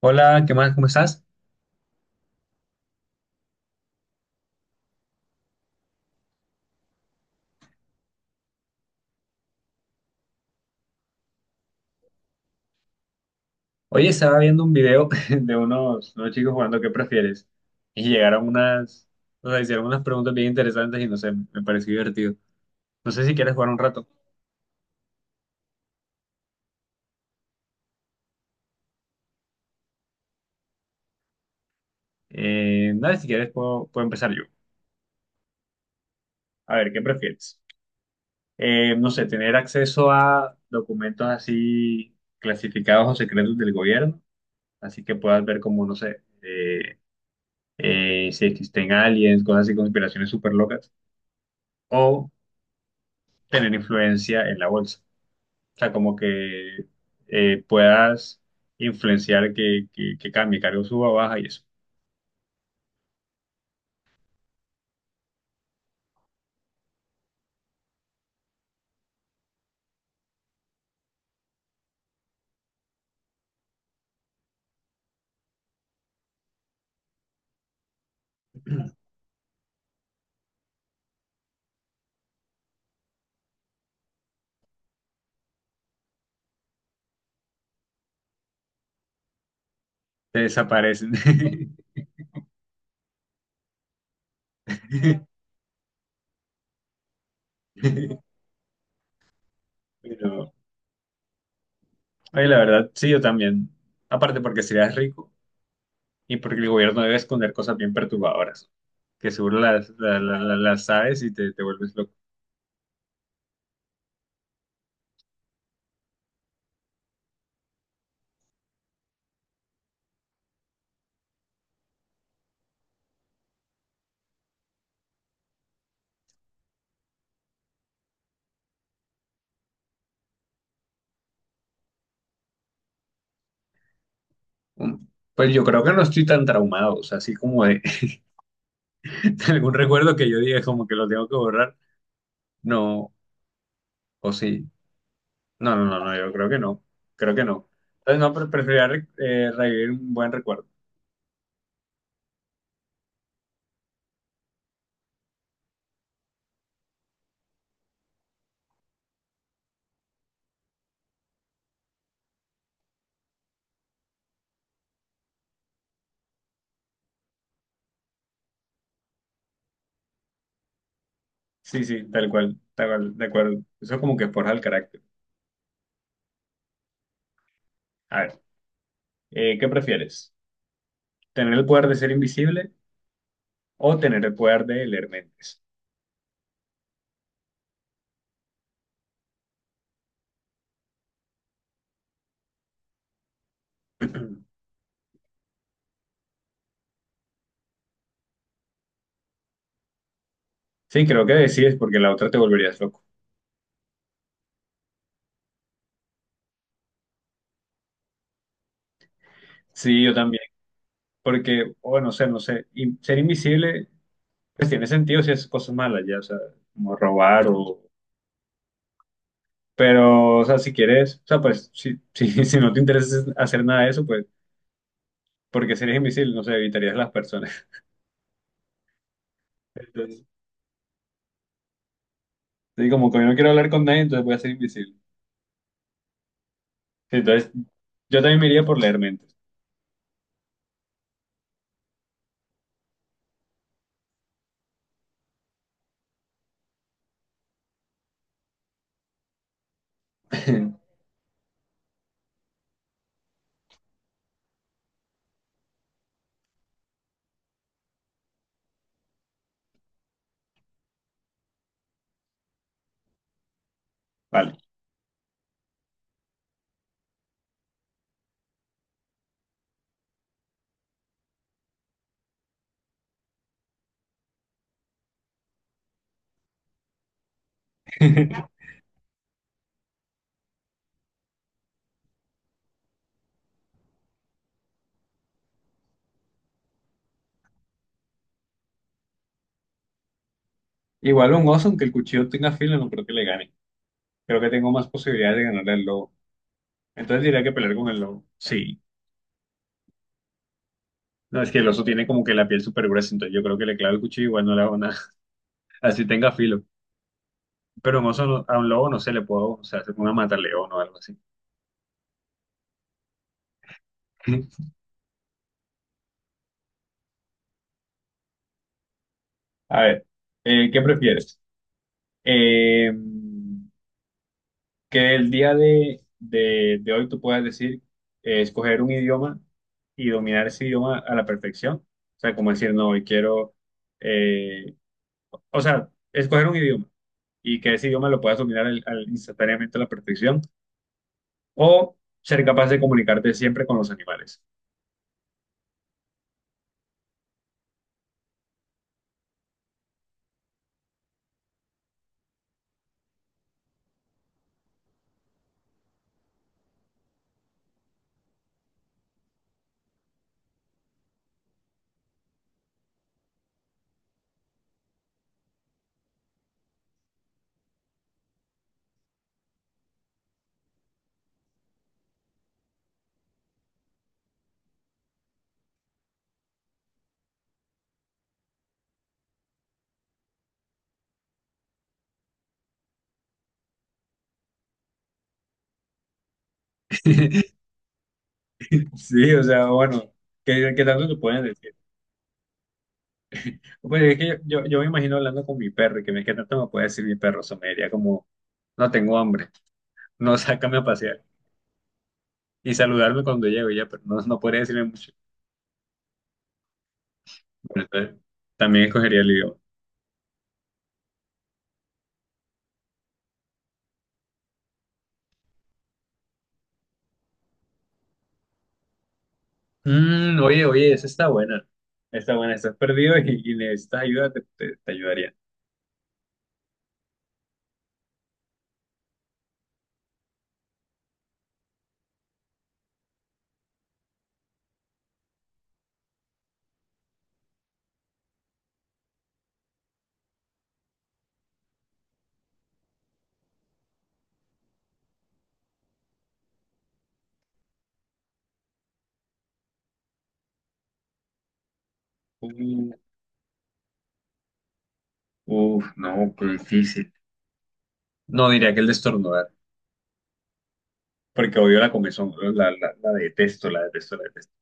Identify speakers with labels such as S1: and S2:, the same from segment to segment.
S1: Hola, ¿qué más? ¿Cómo estás? Oye, estaba viendo un video de unos chicos jugando ¿Qué prefieres? Y llegaron unas. Hicieron unas preguntas bien interesantes y no sé, me pareció divertido. No sé si quieres jugar un rato. Nada, si quieres puedo empezar yo. A ver, ¿qué prefieres? No sé, tener acceso a documentos así clasificados o secretos del gobierno, así que puedas ver como, no sé, si existen aliens, cosas así, conspiraciones súper locas, o tener influencia en la bolsa. O sea, como que puedas influenciar que cambie, cargo suba o baja y eso. Te desaparecen. Pero, oye, la verdad, sí, yo también. Aparte porque serías rico y porque el gobierno debe esconder cosas bien perturbadoras, que seguro las, la- la- la- las sabes y te vuelves loco. Mm. Pues yo creo que no estoy tan traumado, o sea, así como de, de algún recuerdo que yo diga como que lo tengo que borrar, no, o sí. No, no, no, no, yo creo que no. Creo que no. Entonces, no, pero preferiría revivir un buen recuerdo. Sí, sí, tal cual, de acuerdo. Eso es como que forja el carácter. A ver, ¿qué prefieres? ¿Tener el poder de ser invisible o tener el poder de leer mentes? Sí, creo que decides porque la otra te volverías loco. Sí, yo también. Porque, bueno, no sé, no sé. Y ser invisible, pues tiene sentido si haces cosas malas, ya, o sea, como robar o. Pero, o sea, si quieres, o sea, pues, si, si no te interesa hacer nada de eso, pues porque si eres invisible, no sé, evitarías las personas. Entonces, sí, como que hoy no quiero hablar con nadie, entonces voy a ser invisible. Entonces, yo también me iría por leer mentes. Vale. Igual un oso, aunque el cuchillo tenga filo, no creo que le gane. Creo que tengo más posibilidades de ganarle al lobo. Entonces diría que pelear con el lobo. Sí. No, es que el oso tiene como que la piel súper gruesa, entonces yo creo que le clavo el cuchillo igual no le hago nada. Así tenga filo. Pero un oso no- a un lobo no se le puedo, o sea, se pone a matar león o algo así. A ver, ¿qué prefieres? Eh, que el día de hoy tú puedas decir, escoger un idioma y dominar ese idioma a la perfección. O sea, como decir, no, hoy quiero, eh, o sea, escoger un idioma y que ese idioma lo puedas dominar instantáneamente a la perfección o ser capaz de comunicarte siempre con los animales. Sí, o sea, bueno, ¿qué, qué tanto te pueden decir? Pues es que yo me imagino hablando con mi perro y que me, ¿qué tanto me puede decir mi perro? O sea, me diría como, no tengo hambre, no, sácame a pasear. Y saludarme cuando llego y ya, pero no, no podría decirle mucho. Bueno, entonces, también escogería el idioma. Mm, oye, esa está buena. Está buena, estás perdido y necesitas ayuda, te ayudaría. Uh, uf, no, qué difícil. No, diría que el de estornudar, porque odio la comezón, ¿no? La detesto, la detesto, la detesto.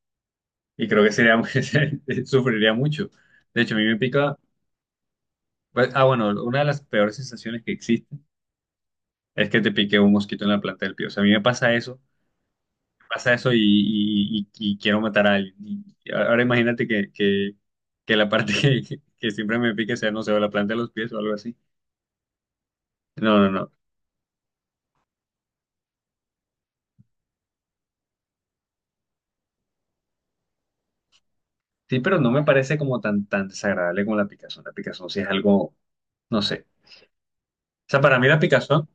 S1: Y creo que sería, muy- sufriría mucho. De hecho, a mí me pica, pues, ah, bueno, una de las peores sensaciones que existen es que te pique un mosquito en la planta del pie. O sea, a mí me pasa eso y, y quiero matar a alguien. Y ahora imagínate que la parte que siempre me pique sea, no sé, o la planta de los pies o algo así. No, no, no. Sí, pero no me parece como tan, tan desagradable como la picazón. La picazón sí es algo, no sé. O sea, para mí la picazón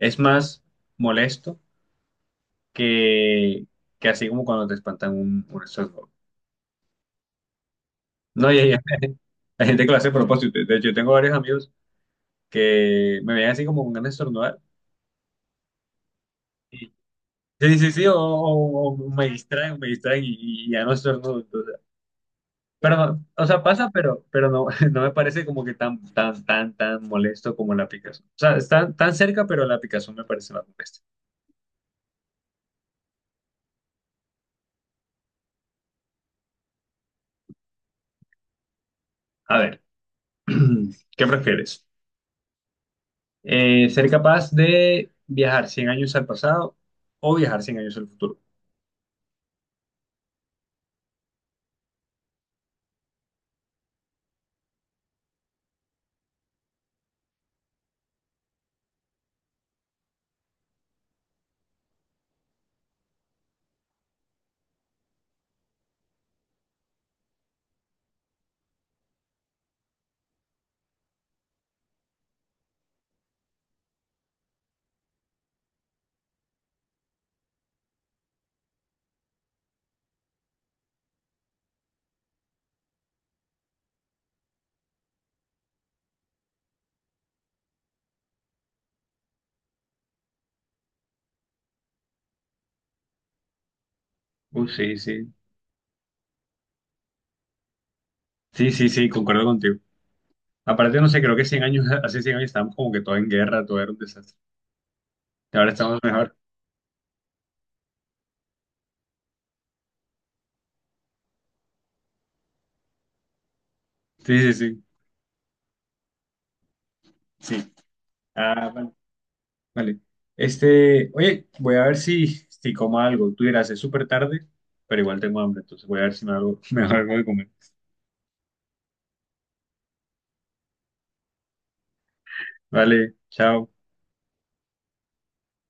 S1: es más molesto que, que así como cuando te espantan un estornudo. No, y hay, hay gente que lo hace a propósito. De hecho, yo tengo varios amigos que me ven así como con ganas de estornudar. Sí, sí, sí, o me distraen y ya no estornudo. Entonces, pero no, o sea, pasa, pero no, no me parece como que tan, tan, tan, tan molesto como la picazón. O sea, están tan cerca, pero la picazón me parece más molesta. A ver, ¿qué prefieres? ¿Ser capaz de viajar 100 años al pasado o viajar 100 años al futuro? Uy, sí, sí. Sí, sí, sí, concuerdo contigo. Aparte, no sé, creo que 100 años, hace 100 años estábamos como que todo en guerra, todo era un desastre. Ahora estamos mejor. Sí, sí, sí. Sí. Ah, bueno. Vale. Este, oye, voy a ver si como algo. Tú dirás, es súper tarde, pero igual tengo hambre, entonces voy a ver si me hago, me hago algo de comer. Vale, chao.